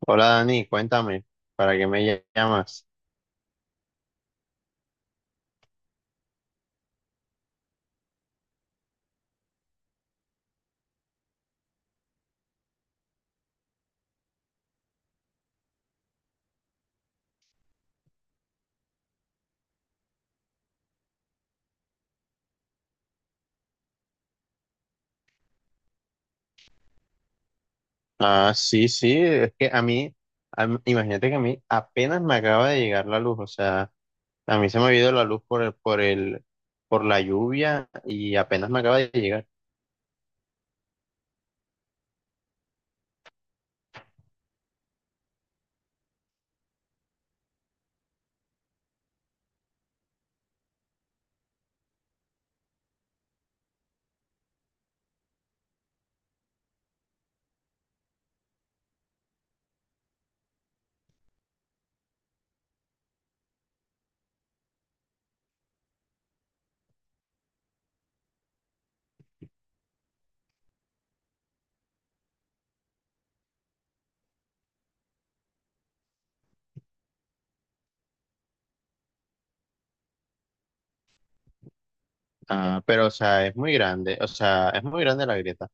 Hola Dani, cuéntame, ¿para qué me llamas? Ah, sí, sí, es que imagínate que a mí apenas me acaba de llegar la luz, o sea, a mí se me ha ido la luz por la lluvia y apenas me acaba de llegar. Ah, pero o sea, es muy grande, o sea, es muy grande la grieta.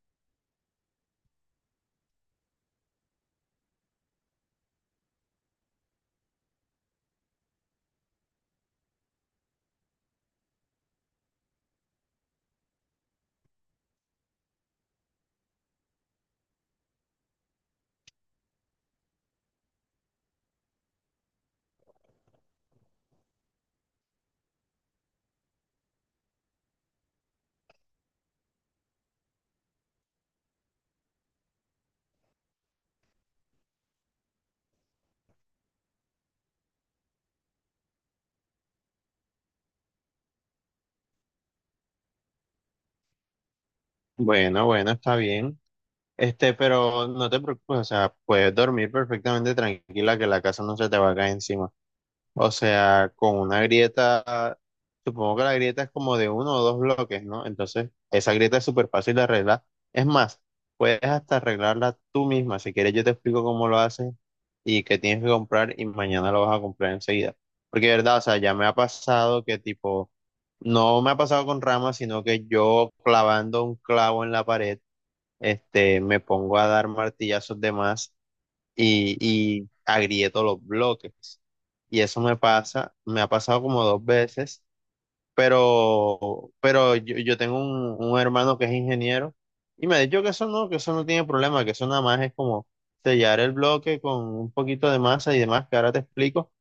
Bueno, bueno, está bien. Pero no te preocupes, o sea, puedes dormir perfectamente tranquila que la casa no se te va a caer encima. O sea, con una grieta, supongo que la grieta es como de uno o dos bloques, ¿no? Entonces, esa grieta es súper fácil de arreglar. Es más, puedes hasta arreglarla tú misma. Si quieres, yo te explico cómo lo haces y qué tienes que comprar y mañana lo vas a comprar enseguida. Porque, de verdad, o sea, ya me ha pasado que tipo, no me ha pasado con ramas, sino que yo clavando un clavo en la pared, me pongo a dar martillazos de más y, y agrieto los bloques. Y eso me pasa, me ha pasado como dos veces, pero yo tengo un hermano que es ingeniero y me ha dicho que eso no tiene problema, que eso nada más es como sellar el bloque con un poquito de masa y demás, que ahora te explico,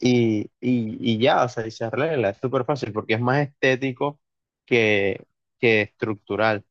y ya, o sea, y se arregla, es súper fácil porque es más estético que, que estructural.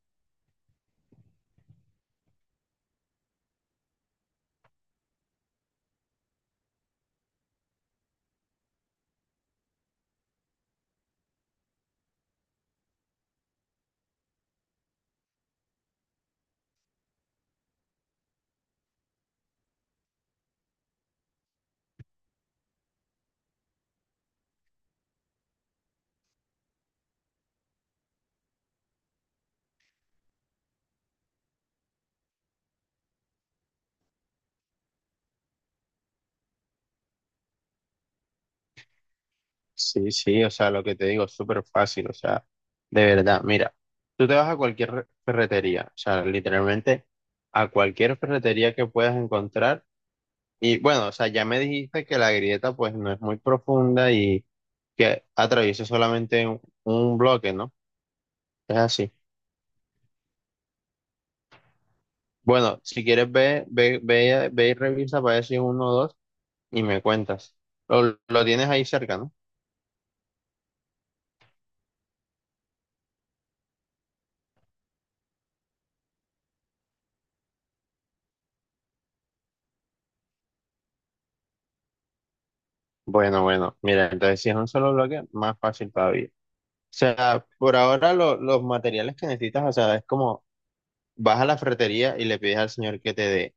Sí, sí, o sea, lo que te digo es súper fácil, o sea, de verdad, mira, tú te vas a cualquier ferretería, o sea, literalmente a cualquier ferretería que puedas encontrar y bueno, o sea, ya me dijiste que la grieta pues no es muy profunda y que atraviesa solamente un bloque, ¿no? Es así. Bueno, si quieres ve, ve, ve, ve y revisa para decir uno o dos y me cuentas. Lo tienes ahí cerca, ¿no? Bueno, bueno, mira, entonces si es un solo bloque, más fácil todavía. O sea, por ahora los materiales que necesitas, o sea, es como vas a la ferretería y le pides al señor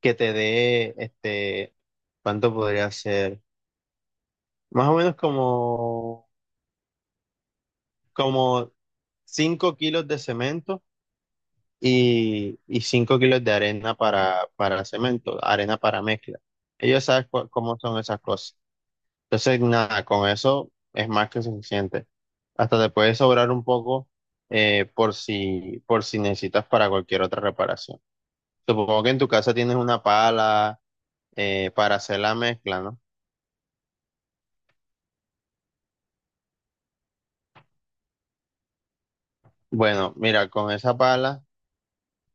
que te dé, ¿cuánto podría ser? Más o menos como 5 kilos de cemento y 5 kilos de arena para cemento, arena para mezcla. Ellos saben cómo son esas cosas. Entonces, nada, con eso es más que suficiente. Hasta te puede sobrar un poco por si necesitas para cualquier otra reparación. Supongo que en tu casa tienes una pala para hacer la mezcla, ¿no? Bueno, mira, con esa pala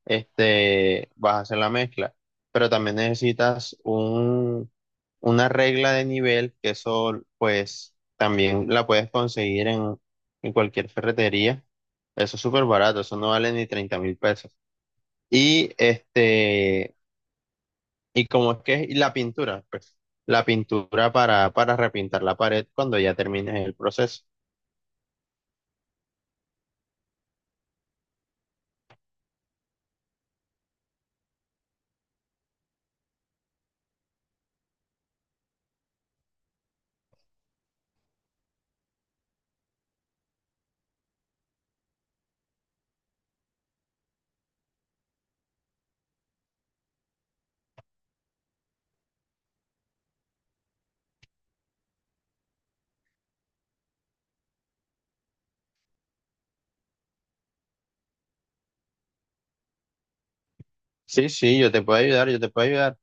vas a hacer la mezcla, pero también necesitas una regla de nivel, que eso pues también la puedes conseguir en cualquier ferretería. Eso es súper barato, eso no vale ni 30.000 pesos. Y este, y como es que y la pintura, pues, la pintura para repintar la pared cuando ya termines el proceso. Sí, sí, yo te puedo ayudar, yo te puedo ayudar,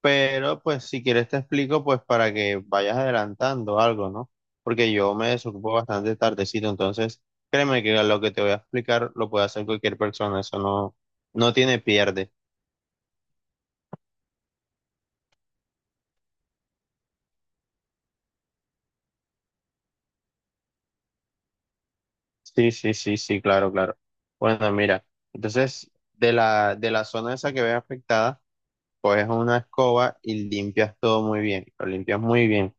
pero pues si quieres te explico pues para que vayas adelantando algo, ¿no? Porque yo me desocupo bastante tardecito, entonces créeme que lo que te voy a explicar lo puede hacer cualquier persona, eso no, no tiene pierde. Sí, sí, sí, sí, claro, claro. Bueno, mira, entonces de la zona esa que ves afectada, coges una escoba y limpias todo muy bien, lo limpias muy bien,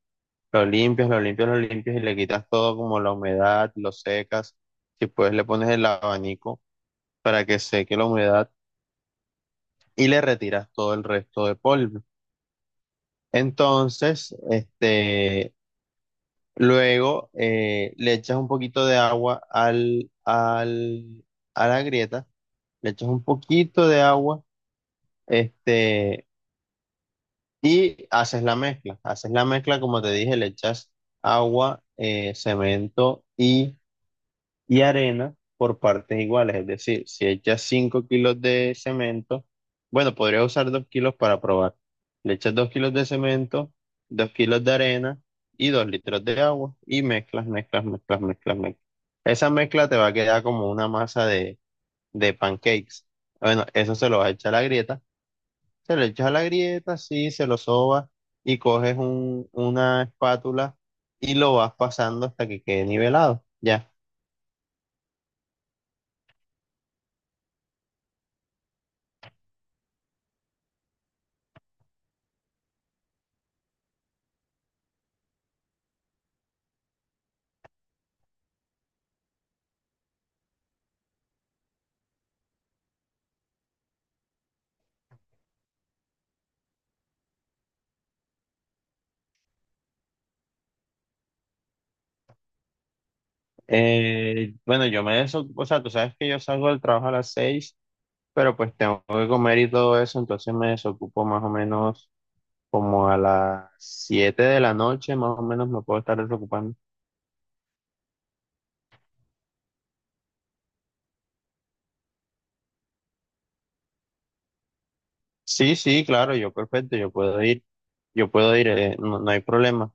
lo limpias, lo limpias, lo limpias y le quitas todo como la humedad, lo secas, si puedes le pones el abanico para que seque la humedad y le retiras todo el resto de polvo. Entonces, luego le echas un poquito de agua a la grieta, le echas un poquito de agua, este y haces la mezcla. Haces la mezcla, como te dije, le echas agua, cemento y arena por partes iguales. Es decir, si echas 5 kilos de cemento, bueno, podría usar 2 kilos para probar. Le echas 2 kilos de cemento, 2 kilos de arena y 2 litros de agua y mezclas, mezclas, mezclas, mezclas, mezclas. Esa mezcla te va a quedar como una masa de pancakes. Bueno, eso se lo vas a echar a la grieta se le echas a la grieta, sí, se lo sobas y coges una espátula y lo vas pasando hasta que quede nivelado. Ya. Bueno, yo me desocupo, o sea, tú sabes que yo salgo del trabajo a las 6, pero pues tengo que comer y todo eso, entonces me desocupo más o menos como a las 7 de la noche, más o menos me puedo estar desocupando. Sí, sí, claro, yo perfecto, yo puedo ir, no, no hay problema.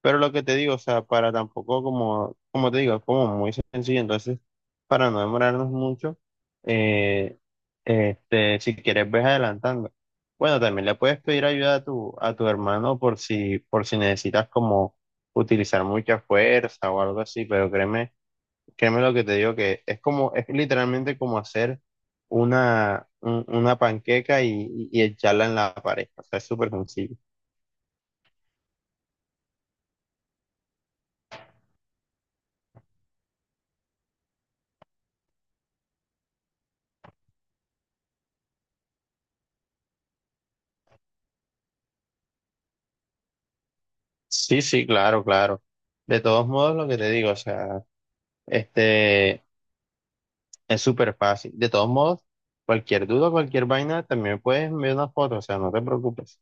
Pero lo que te digo, o sea, para tampoco como te digo, es como muy sencillo, entonces, para no demorarnos mucho, eh, si quieres ves adelantando. Bueno, también le puedes pedir ayuda a tu hermano por si necesitas como utilizar mucha fuerza o algo así, pero créeme, lo que te digo que es literalmente como hacer una panqueca y echarla en la pared. O sea, es súper sencillo. Sí, sí, claro, claro. De todos modos, lo que te digo, o sea, este, es súper fácil. De todos modos, cualquier duda, cualquier vaina, también puedes enviar una foto, o sea, no te preocupes.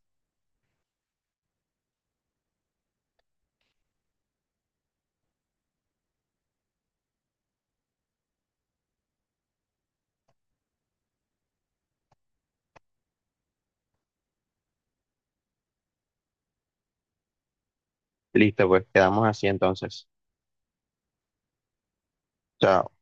Listo, pues quedamos así entonces. Chao.